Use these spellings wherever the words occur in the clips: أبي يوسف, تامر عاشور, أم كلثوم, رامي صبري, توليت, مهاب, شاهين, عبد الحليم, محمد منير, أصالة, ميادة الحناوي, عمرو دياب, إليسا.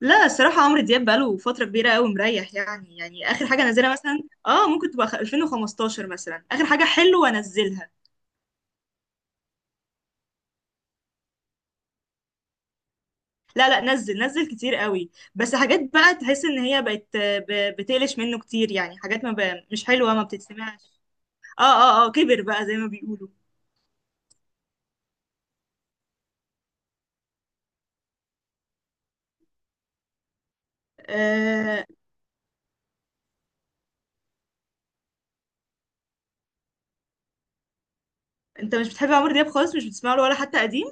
لا، الصراحة عمرو دياب بقاله فترة كبيرة قوي مريح. يعني آخر حاجة نزلها مثلا اه ممكن تبقى 2015 مثلا، آخر حاجة حلوة انزلها. لا نزل كتير قوي، بس حاجات بقى تحس ان هي بقت بتقلش منه كتير. يعني حاجات ما بقى مش حلوة ما بتتسمعش. اه كبر بقى زي ما بيقولوا. آه، انت مش بتحب عمرو دياب خالص؟ مش بتسمع له ولا حتى قديم؟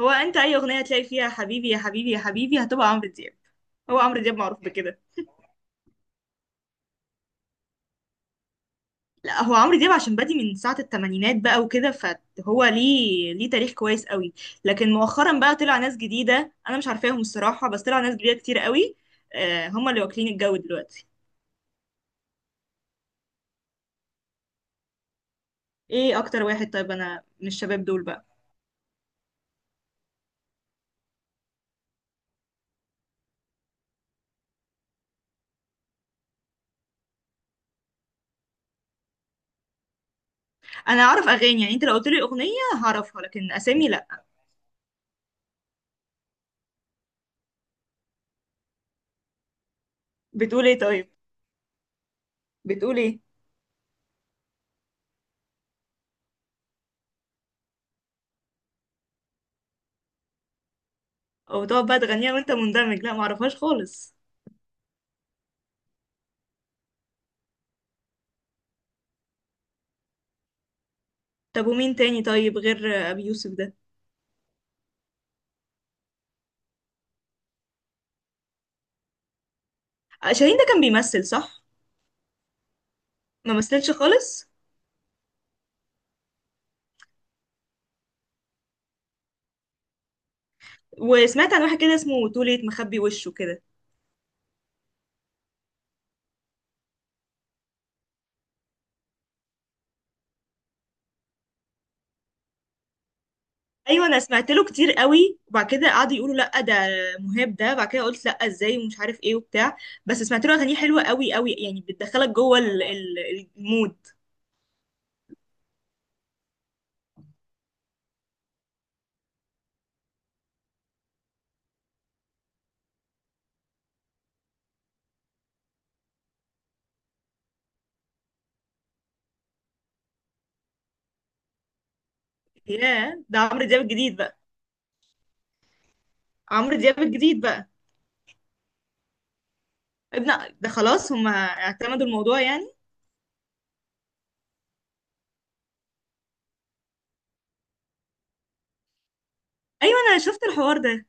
هو انت اي اغنية تلاقي فيها حبيبي يا حبيبي يا حبيبي هتبقى عمرو دياب. هو عمرو دياب معروف بكده. لا، هو عمرو دياب عشان بادي من ساعة التمانينات بقى وكده، فهو ليه تاريخ كويس قوي. لكن مؤخرا بقى طلع ناس جديدة أنا مش عارفاهم الصراحة، بس طلع ناس جديدة كتير قوي. هما اللي واكلين الجو دلوقتي. ايه أكتر واحد طيب أنا من الشباب دول بقى؟ أنا أعرف أغاني، يعني أنت لو قلت لي أغنية هعرفها، لكن أسامي لأ. بتقول ايه طيب؟ بتقول ايه؟ أو تقعد بقى تغنيها وأنت مندمج؟ لأ، معرفهاش خالص. طب ومين تاني طيب غير أبي يوسف ده؟ آه، شاهين ده كان بيمثل صح؟ ما مثلش خالص. وسمعت عن واحد كده اسمه توليت مخبي وشه كده. ايوه، انا سمعت له كتير قوي، وبعد كده قعدوا يقولوا لا ده مهاب. ده بعد كده قلت لا ازاي ومش عارف ايه وبتاع. بس سمعت له اغانيه حلوه قوي قوي، يعني بتدخلك جوه المود. ياه، ده عمرو دياب الجديد بقى. عمرو دياب الجديد بقى. ابن ده، خلاص هم اعتمدوا الموضوع يعني. ايوه انا شفت الحوار ده.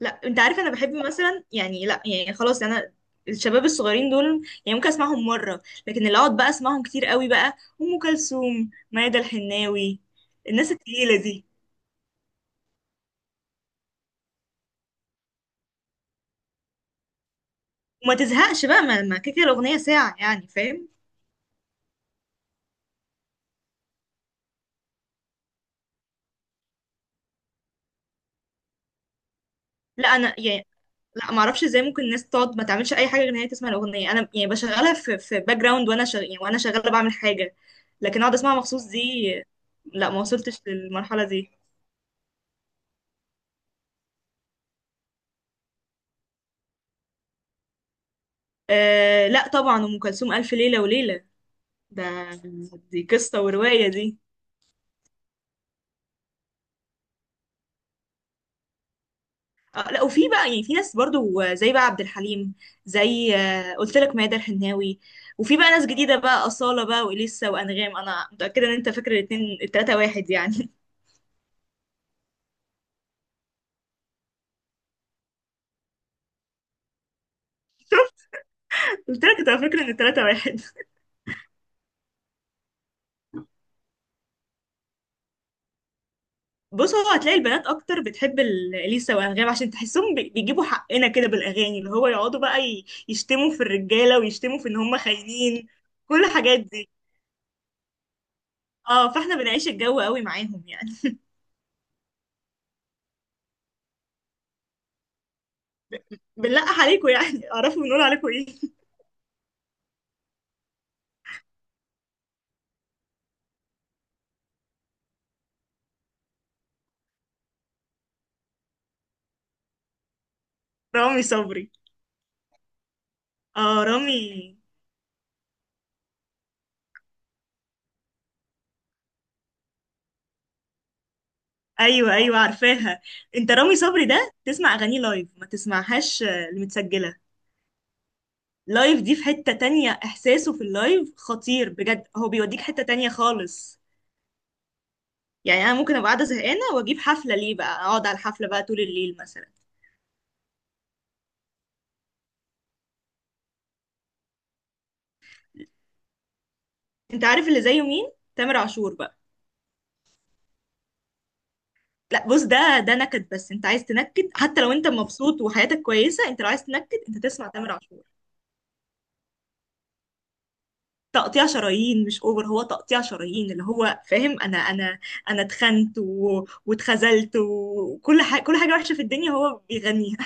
لا انت عارف انا بحب مثلا، يعني لا يعني خلاص، انا الشباب الصغيرين دول يعني ممكن اسمعهم مره، لكن اللي اقعد بقى اسمعهم كتير قوي بقى ام كلثوم، ميادة الحناوي، الناس التقيله دي. وما تزهقش بقى، ما كده كده الاغنيه ساعه يعني، فاهم؟ لا انا يعني، لا ما اعرفش ازاي ممكن الناس تقعد ما تعملش اي حاجه غير ان هي تسمع الاغنيه. انا يعني بشغلها في باك جراوند، يعني وانا شغاله بعمل حاجه، لكن اقعد اسمعها مخصوص دي لا، ما وصلتش للمرحله دي. أه لا طبعا، ام كلثوم الف ليله وليله. ده دي قصة ورواية دي. آه لا، وفي بقى يعني في ناس برضو زي بقى عبد الحليم، زي قلت لك ميادة الحناوي. وفي بقى ناس جديدة بقى أصالة بقى وإليسا وأنغام. أنا متأكدة إن أنت فاكر الاتنين التلاتة واحد يعني. قلت لك أنت فاكر إن التلاتة واحد. بص، هو هتلاقي البنات أكتر بتحب إليسا وأنغام عشان تحسهم بيجيبوا حقنا كده بالأغاني، اللي هو يقعدوا بقى يشتموا في الرجالة ويشتموا في إن هم خاينين، كل الحاجات دي. اه فاحنا بنعيش الجو قوي معاهم يعني. بنلقح عليكم يعني. اعرفوا بنقول عليكم ايه. رامي صبري. اه رامي. ايوه ايوه عارفاها. انت رامي صبري ده تسمع اغانيه لايف، ما تسمعهاش المتسجله. لايف دي في حته تانية، احساسه في اللايف خطير بجد، هو بيوديك حته تانية خالص. يعني انا ممكن ابقى قاعده زهقانه واجيب حفله ليه، بقى اقعد على الحفله بقى طول الليل مثلا. انت عارف اللي زيه مين؟ تامر عاشور بقى. لا بص، ده نكد، بس انت عايز تنكد حتى لو انت مبسوط وحياتك كويسه، انت لو عايز تنكد انت تسمع تامر عاشور. تقطيع شرايين، مش اوفر، هو تقطيع شرايين اللي هو فاهم. انا اتخنت واتخذلت وكل حاجه، كل حاجه وحشه في الدنيا هو بيغنيها.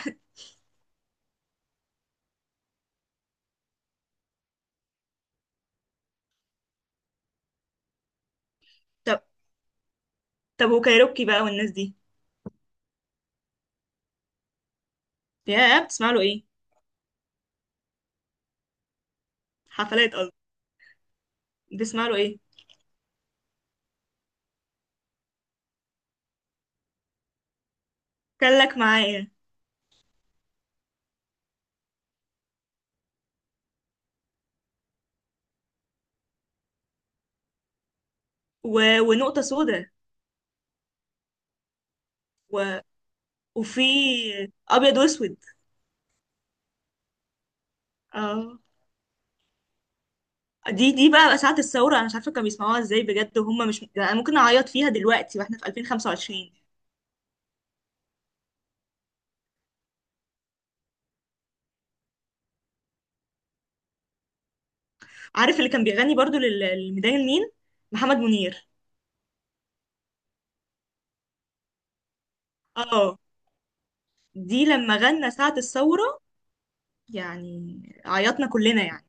طب، طب وكايروكي بقى والناس دي؟ يا بتسمع له ايه؟ حفلات قصدي، بتسمع له ايه؟ كلك معايا، و... ونقطه سودا، و... وفي ابيض واسود. اه، دي بقى ساعة الثورة، أنا مش عارفة كانوا بيسمعوها ازاي بجد وهم مش يعني، أنا ممكن أعيط فيها دلوقتي واحنا في 2025. عارف اللي كان بيغني برضو للميدان النيل؟ محمد منير. اه دي لما غنى ساعة الثورة، يعني عيطنا كلنا يعني.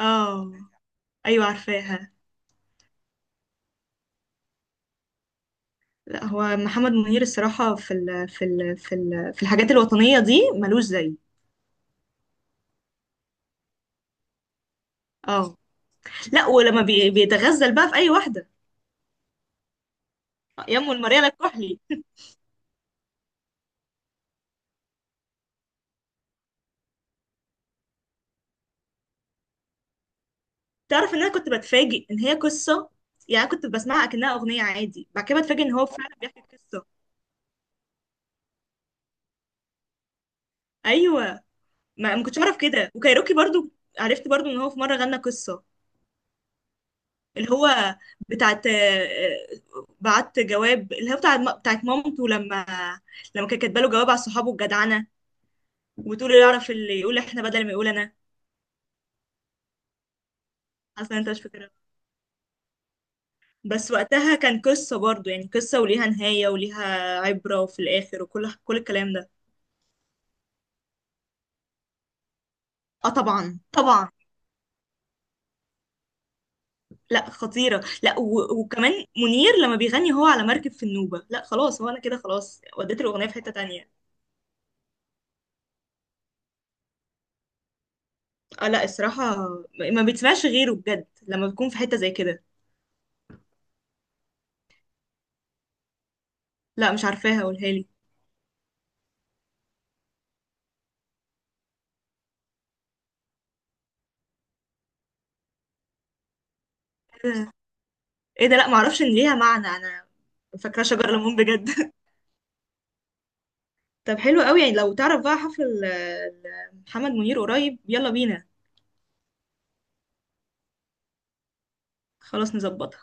اه ايوه عارفاها. لا هو محمد منير الصراحة في ال في ال في ال في الحاجات الوطنية دي ملوش زي. اه لا، ولما بيتغزل بقى في اي واحدة، يا ام المريالة الكحلي. تعرف ان انا كنت بتفاجئ ان هي قصة؟ يعني كنت بسمعها كأنها اغنية عادي، بعد كده بتفاجئ ان هو فعلا بيحكي قصة. ايوه. ما كنتش اعرف كده. وكايروكي برضو، عرفت برضو ان هو في مرة غنى قصة، اللي هو بتاعت آه، آه، بعت جواب، اللي هو بتاعت مامته لما كانت كاتبه له جواب على صحابه الجدعنه، وتقول اللي يعرف اللي يقول احنا بدل ما يقول انا. اصلا انت مش فاكرها. بس وقتها كان قصه برضو يعني، قصه وليها نهايه وليها عبره في الاخر وكل الكلام ده. اه طبعا طبعا. لا خطيره، لا وكمان منير لما بيغني هو على مركب في النوبه، لا خلاص هو انا كده خلاص، وديت الاغنيه في حته تانية. اه لا الصراحه، ما بتسمعش غيره بجد لما بتكون في حته زي كده. لا مش عارفاها، قولها لي. ايه ده، لا معرفش ان ليها معنى انا، فاكره شجر ليمون بجد. طب حلو قوي، يعني لو تعرف بقى حفل محمد منير قريب يلا بينا. خلاص نظبطها.